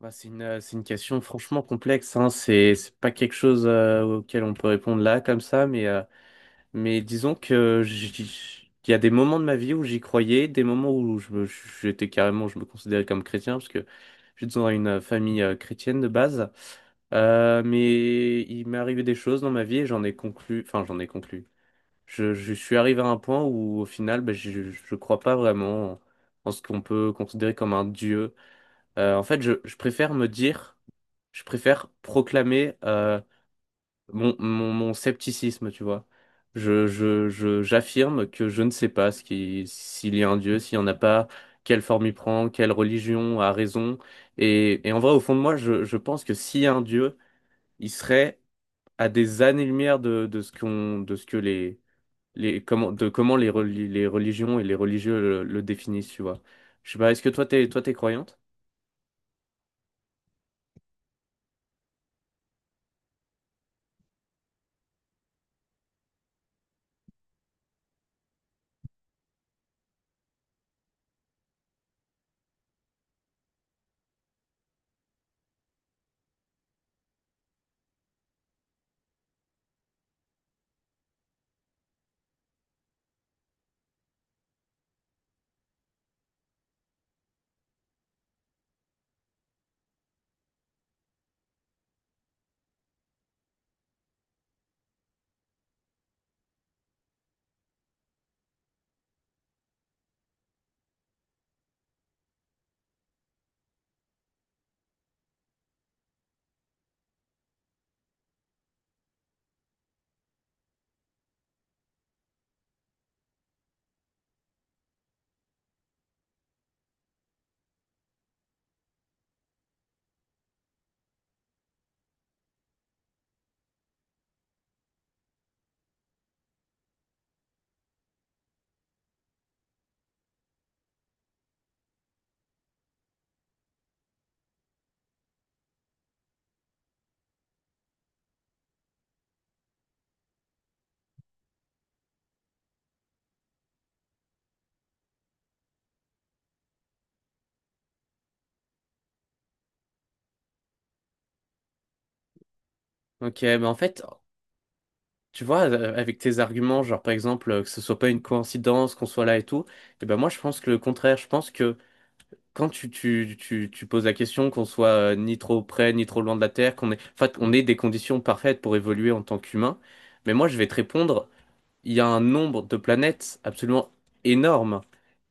Bah, c'est une question franchement complexe, hein. C'est pas quelque chose auquel on peut répondre là comme ça, mais disons que il y a des moments de ma vie où j'y croyais, des moments où j'étais carrément, je me considérais comme chrétien, parce que je suis dans une famille chrétienne de base. Mais il m'est arrivé des choses dans ma vie et j'en ai conclu. Je suis arrivé à un point où au final, bah, je crois pas vraiment en ce qu'on peut considérer comme un dieu. En fait, je préfère proclamer mon scepticisme, tu vois. J'affirme que je ne sais pas s'il y a un Dieu, s'il n'y en a pas, quelle forme il prend, quelle religion a raison. Et en vrai, au fond de moi, je pense que s'il y a un Dieu, il serait à des années-lumière de de ce que de comment les religions et les religieux le définissent, tu vois. Je sais pas, est-ce que toi, t'es croyante? Ok, mais en fait, tu vois, avec tes arguments, genre par exemple que ce soit pas une coïncidence qu'on soit là et tout, et ben moi je pense que le contraire, je pense que quand tu poses la question qu'on soit ni trop près ni trop loin de la Terre, en fait, on ait des conditions parfaites pour évoluer en tant qu'humain, mais moi je vais te répondre, il y a un nombre de planètes absolument énorme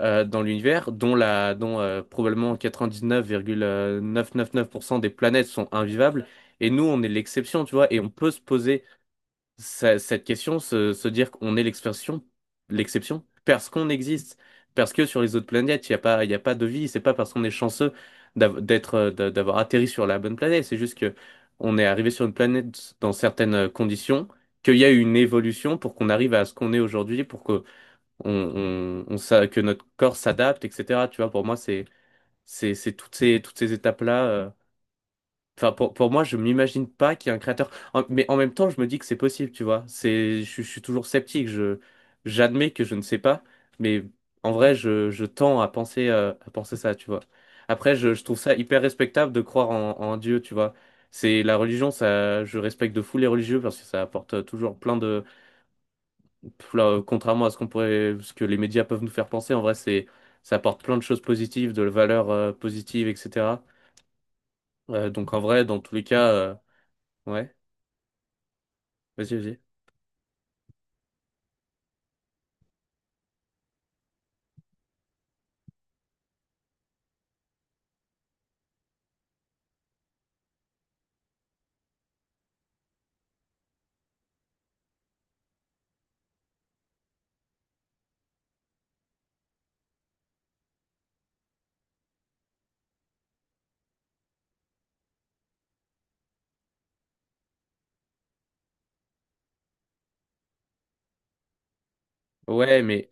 dans l'univers, dont la, dont probablement 99,999% des planètes sont invivables. Et nous, on est l'exception, tu vois. Et on peut se poser cette question, se dire qu'on est l'exception, parce qu'on existe, parce que sur les autres planètes, il y a pas de vie. C'est pas parce qu'on est chanceux d'avoir atterri sur la bonne planète. C'est juste que on est arrivé sur une planète dans certaines conditions, qu'il y a eu une évolution pour qu'on arrive à ce qu'on est aujourd'hui, pour que on s'a- que notre corps s'adapte, etc. Tu vois, pour moi, c'est toutes ces étapes-là. Enfin, pour moi, je m'imagine pas qu'il y ait un créateur. Mais en même temps, je me dis que c'est possible, tu vois. C'est, je suis toujours sceptique. J'admets que je ne sais pas, mais en vrai, je tends à penser ça, tu vois. Après, je trouve ça hyper respectable de croire en Dieu, tu vois. C'est la religion, ça, je respecte de fou les religieux parce que ça apporte toujours plein de, là, contrairement à ce que les médias peuvent nous faire penser, en vrai, c'est, ça apporte plein de choses positives, de la valeur positive, etc. Donc en vrai, dans tous les cas, ouais, vas-y, vas-y. Ouais, mais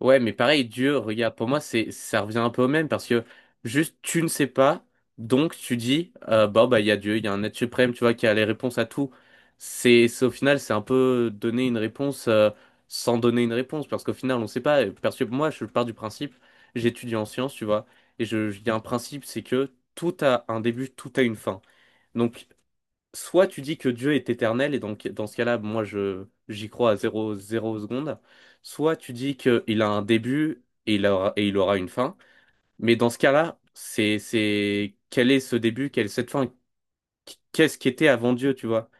Ouais, mais pareil, Dieu, regarde, pour moi, ça revient un peu au même parce que juste tu ne sais pas, donc tu dis, bah, il y a Dieu, il y a un être suprême, tu vois, qui a les réponses à tout. C'est au final, c'est un peu donner une réponse, sans donner une réponse parce qu'au final, on ne sait pas. Parce que moi, je pars du principe, j'étudie en sciences, tu vois, et il y a un principe, c'est que tout a un début, tout a une fin. Donc, soit tu dis que Dieu est éternel, et donc dans ce cas-là, moi je j'y crois à zéro, zéro seconde, soit tu dis qu'il a un début et il aura une fin, mais dans ce cas-là, c'est quel est ce début, quelle est cette fin, qu'est-ce qui était avant Dieu, tu vois,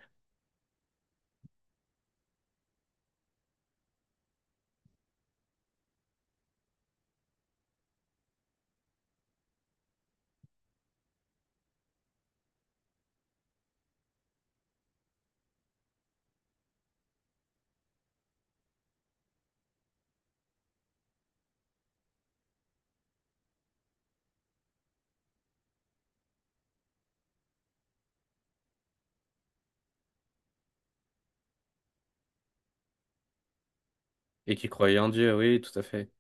et qui croyait en Dieu, oui, tout à fait.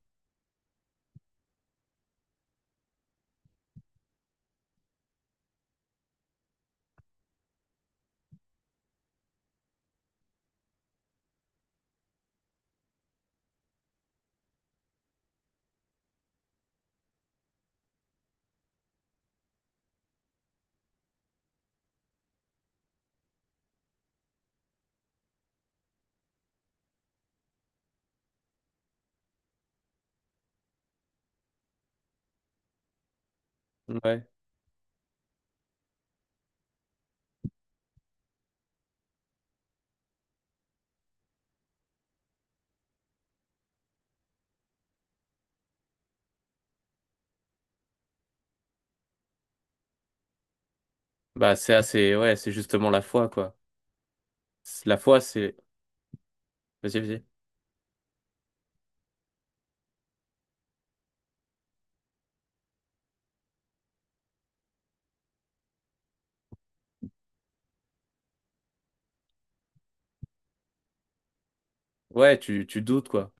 Ouais, bah ouais, c'est justement la foi, quoi. La foi, vas-y, vas-y. Ouais, tu doutes, quoi.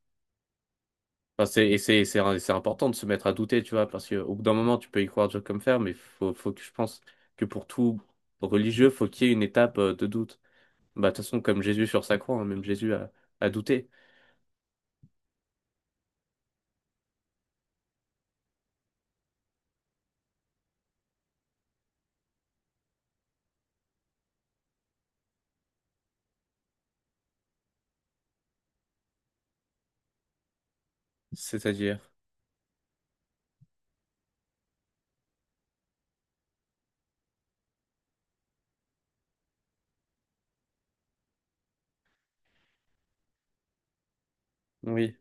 Enfin, c'est, et c'est, c'est important de se mettre à douter, tu vois, parce qu'au bout d'un moment, tu peux y croire dur comme fer, mais faut que je pense que pour tout religieux, faut qu'il y ait une étape de doute. Bah, de toute façon, comme Jésus sur sa croix, hein, même Jésus a douté. C'est-à-dire, oui.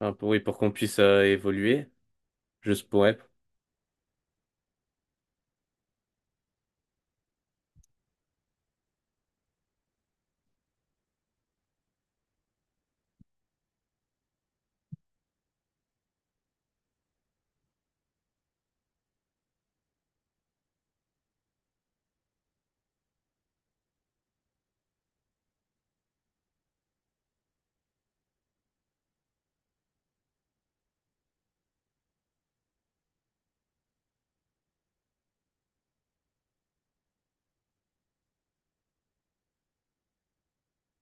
Enfin, oui, pour qu'on puisse évoluer, je pourrais.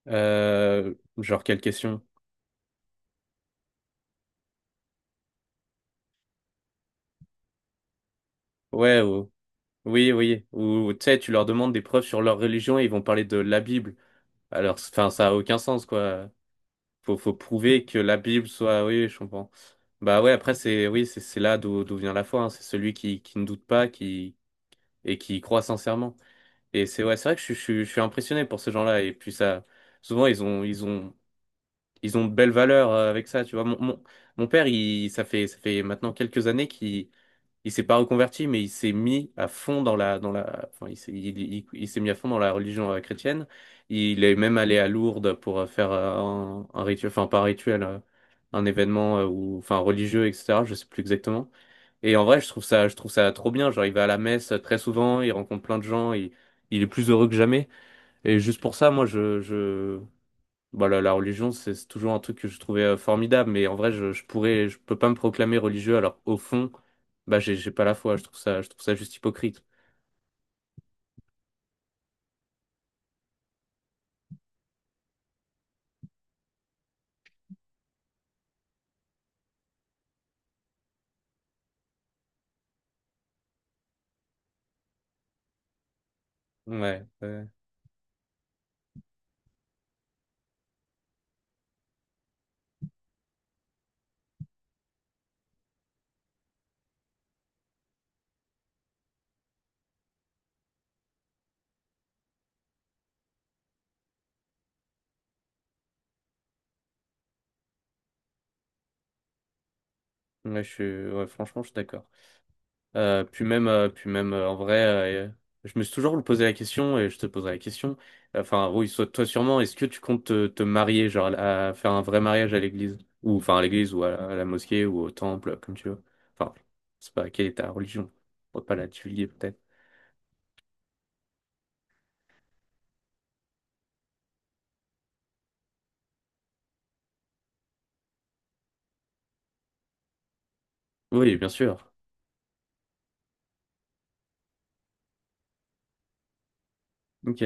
Genre, quelle question? Ouais. Oui, oui. Ou tu sais, tu leur demandes des preuves sur leur religion et ils vont parler de la Bible. Alors, enfin, ça a aucun sens, quoi. Faut prouver que la Bible soit. Oui, oui, je comprends. Bah ouais, après, c'est oui, c'est là d'où vient la foi, hein. C'est celui qui ne doute pas, qui et qui y croit sincèrement. Et c'est c'est vrai que je suis impressionné pour ces gens-là. Et puis souvent ils ont de belles valeurs avec ça. Tu vois, mon père, il ça fait maintenant quelques années qu'il il s'est pas reconverti, mais il s'est mis à fond enfin, il s'est mis à fond dans la religion chrétienne. Il est même allé à Lourdes pour faire un rituel, enfin, pas un rituel, un événement ou, enfin, religieux, etc. Je sais plus exactement. Et en vrai, je trouve ça trop bien. Genre, il va à la messe très souvent, il rencontre plein de gens, il est plus heureux que jamais. Et juste pour ça, moi, bah, la religion, c'est toujours un truc que je trouvais formidable, mais en vrai, je peux pas me proclamer religieux, alors au fond, bah, j'ai pas la foi, je trouve ça juste hypocrite. Ouais, ouais, ouais, ouais, franchement, je suis d'accord. Puis même, en vrai, euh, je me suis toujours posé la question, et je te poserai la question, enfin, oui, soit toi sûrement, est-ce que tu comptes te marier, genre, à faire un vrai mariage à l'église, ou, enfin, à l'église, ou à la mosquée, ou au temple, comme tu veux. Enfin, c'est pas quelle est ta religion, on va pas la divulguer, peut-être. Oui, bien sûr. Ok,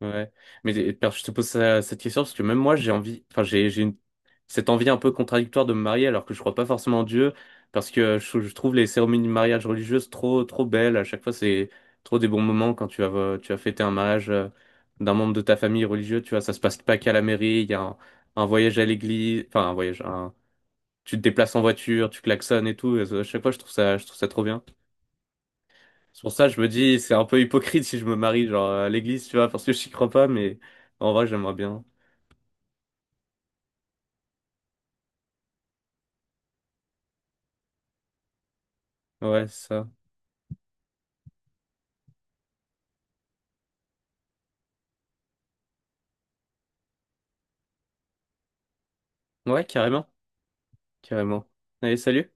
ouais. Mais je te pose cette question parce que même moi, j'ai envie, enfin, j'ai une- cette envie un peu contradictoire de me marier alors que je crois pas forcément en Dieu parce que je trouve les cérémonies de mariage religieuses trop, trop belles. À chaque fois, c'est trop des bons moments quand tu vas fêter un mariage d'un membre de ta famille religieux. Tu vois, ça se passe pas qu'à la mairie. Il y a un voyage à l'église, enfin, tu te déplaces en voiture, tu klaxonnes et tout. Et à chaque fois, je trouve ça trop bien. C'est pour ça que je me dis, c'est un peu hypocrite si je me marie, genre, à l'église, tu vois, parce que je n'y crois pas, mais en vrai, j'aimerais bien. Ouais, c'est ça. Ouais, carrément, carrément. Allez, salut.